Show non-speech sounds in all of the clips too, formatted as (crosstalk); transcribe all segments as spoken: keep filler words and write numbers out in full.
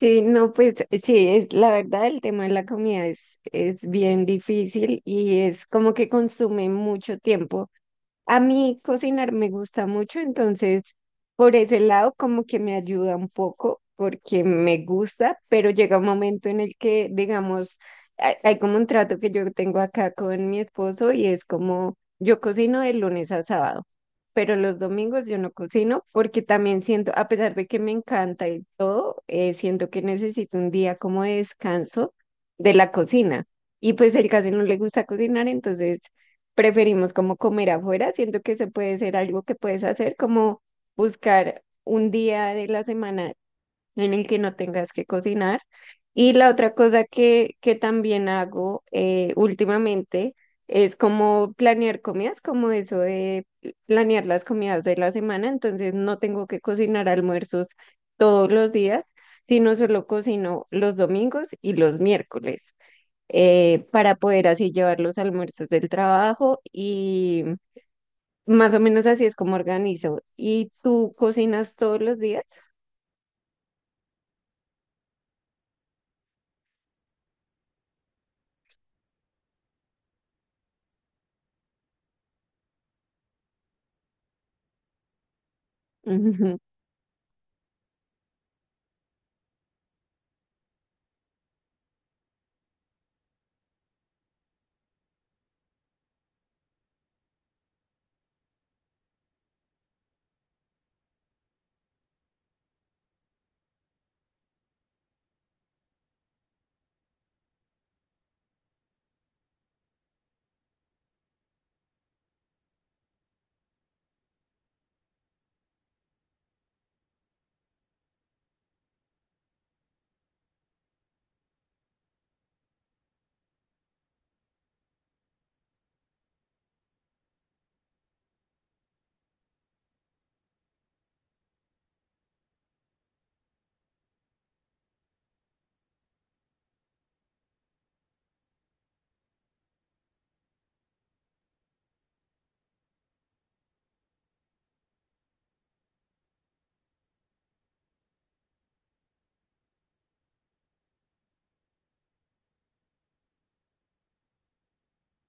Sí, no, pues sí, es la verdad, el tema de la comida es, es bien difícil y es como que consume mucho tiempo. A mí cocinar me gusta mucho, entonces por ese lado como que me ayuda un poco porque me gusta, pero llega un momento en el que, digamos, hay, hay como un trato que yo tengo acá con mi esposo y es como yo cocino de lunes a sábado, pero los domingos yo no cocino porque también siento, a pesar de que me encanta y todo, eh, siento que necesito un día como de descanso de la cocina. Y pues él casi no le gusta cocinar, entonces preferimos como comer afuera. Siento que se puede ser algo que puedes hacer, como buscar un día de la semana en el que no tengas que cocinar. Y la otra cosa que, que también hago eh, últimamente es como planear comidas, como eso de planear las comidas de la semana. Entonces no tengo que cocinar almuerzos todos los días, sino solo cocino los domingos y los miércoles eh, para poder así llevar los almuerzos del trabajo y más o menos así es como organizo. ¿Y tú cocinas todos los días? (laughs)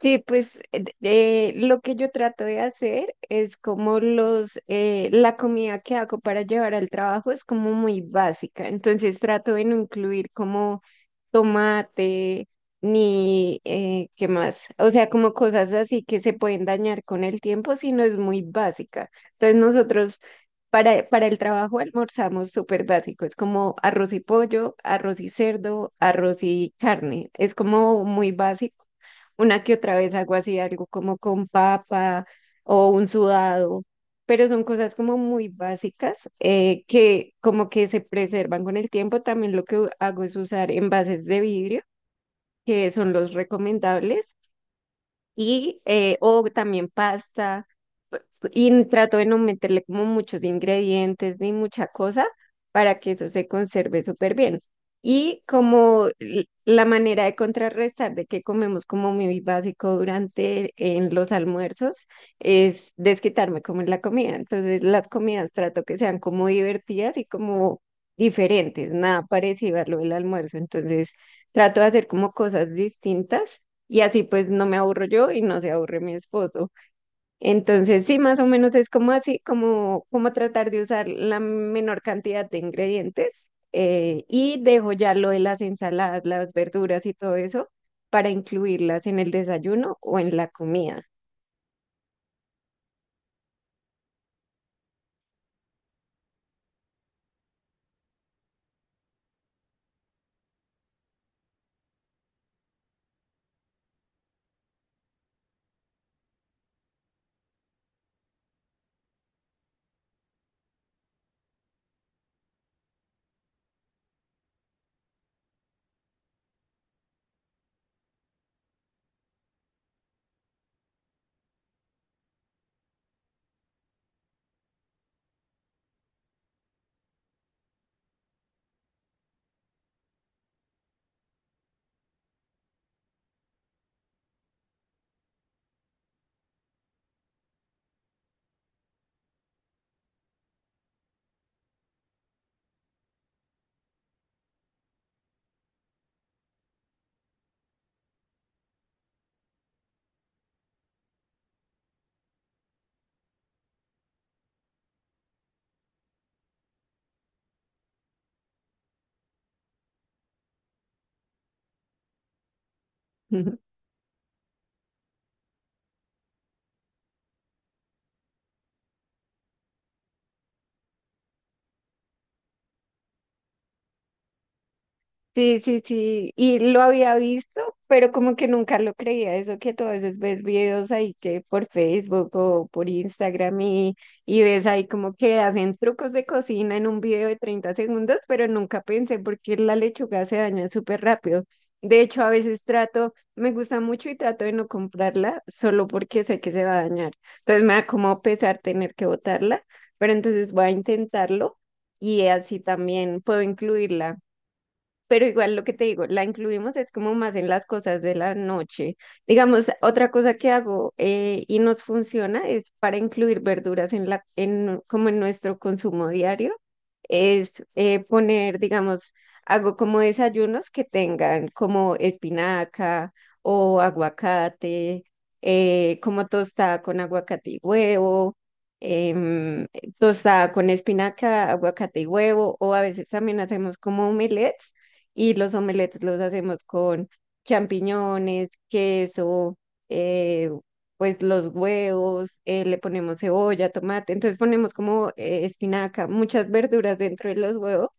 Sí, pues eh, eh, lo que yo trato de hacer es como los, eh, la comida que hago para llevar al trabajo es como muy básica, entonces trato de no incluir como tomate ni eh, qué más, o sea, como cosas así que se pueden dañar con el tiempo, sino es muy básica. Entonces nosotros para, para el trabajo almorzamos súper básico, es como arroz y pollo, arroz y cerdo, arroz y carne, es como muy básico una que otra vez hago así, algo como con papa o un sudado, pero son cosas como muy básicas eh, que como que se preservan con el tiempo. También lo que u- hago es usar envases de vidrio, que son los recomendables, y eh, o también pasta y trato de no meterle como muchos ingredientes ni mucha cosa para que eso se conserve súper bien. Y como l- la manera de contrarrestar de que comemos como muy básico durante en los almuerzos es desquitarme como en la comida. Entonces las comidas trato que sean como divertidas y como diferentes, nada parecido a lo del almuerzo. Entonces trato de hacer como cosas distintas y así pues no me aburro yo y no se aburre mi esposo. Entonces, sí, más o menos es como así, como, como tratar de usar la menor cantidad de ingredientes eh, y dejo ya lo de las ensaladas, las verduras y todo eso para incluirlas en el desayuno o en la comida. (laughs) Sí, sí, sí, y lo había visto, pero como que nunca lo creía, eso que tú a veces ves videos ahí que por Facebook o por Instagram y, y ves ahí como que hacen trucos de cocina en un video de treinta segundos, pero nunca pensé porque la lechuga se daña súper rápido. De hecho, a veces trato, me gusta mucho y trato de no comprarla solo porque sé que se va a dañar. Entonces me da como pesar tener que botarla, pero entonces voy a intentarlo y así también puedo incluirla pero igual lo que te digo, la incluimos es como más en las cosas de la noche. Digamos, otra cosa que hago eh, y nos funciona es para incluir verduras en la, en, como en nuestro consumo diario, es eh, poner, digamos, hago como desayunos que tengan como espinaca o aguacate, eh, como tostada con aguacate y huevo em, tostada con espinaca, aguacate y huevo, o a veces también hacemos como omelets y los omelettes los hacemos con champiñones, queso, eh, pues los huevos, eh, le ponemos cebolla, tomate, entonces ponemos como eh, espinaca, muchas verduras dentro de los huevos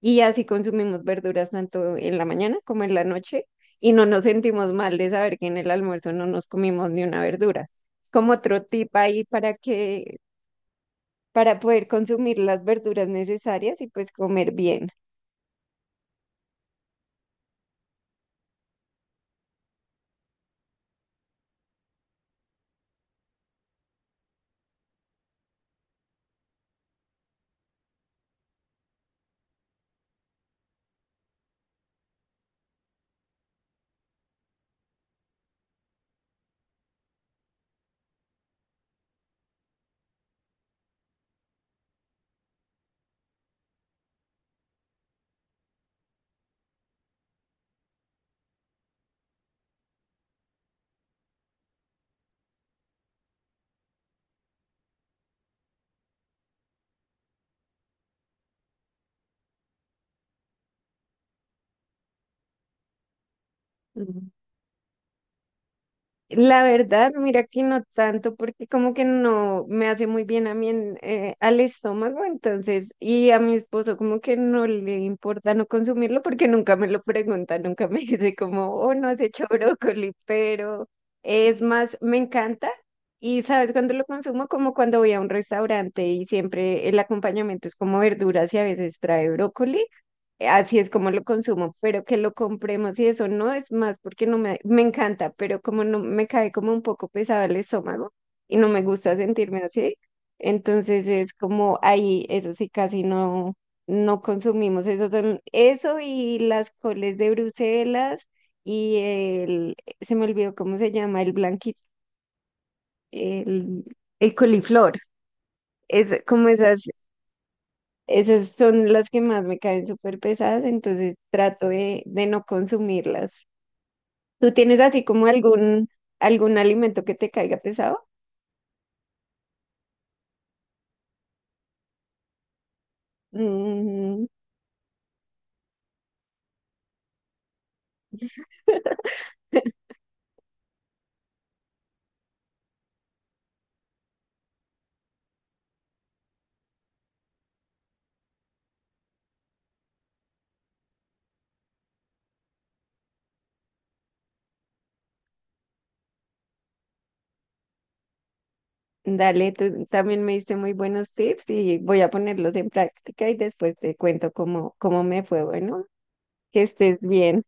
y así consumimos verduras tanto en la mañana como en la noche y no nos sentimos mal de saber que en el almuerzo no nos comimos ni una verdura. Como otro tip ahí para que, para poder consumir las verduras necesarias y pues comer bien. La verdad, mira que no tanto, porque como que no me hace muy bien a mí en, eh, al estómago, entonces, y a mi esposo como que no le importa no consumirlo porque nunca me lo pregunta, nunca me (laughs) dice como, oh, no has hecho brócoli, pero es más, me encanta. Y sabes, cuando lo consumo, como cuando voy a un restaurante y siempre el acompañamiento es como verduras y a veces trae brócoli. Así es como lo consumo, pero que lo compremos y eso no es más porque no me, me encanta, pero como no me cae como un poco pesado el estómago y no me gusta sentirme así, entonces es como ahí, eso sí, casi no, no consumimos. Eso son, eso y las coles de Bruselas y el, se me olvidó cómo se llama, el blanquito, el, el coliflor. Es como esas esas son las que más me caen súper pesadas, entonces trato de, de no consumirlas. ¿Tú tienes así como algún, algún alimento que te caiga pesado? Mm, dale, tú también me diste muy buenos tips y voy a ponerlos en práctica y después te cuento cómo, cómo me fue. Bueno, que estés bien.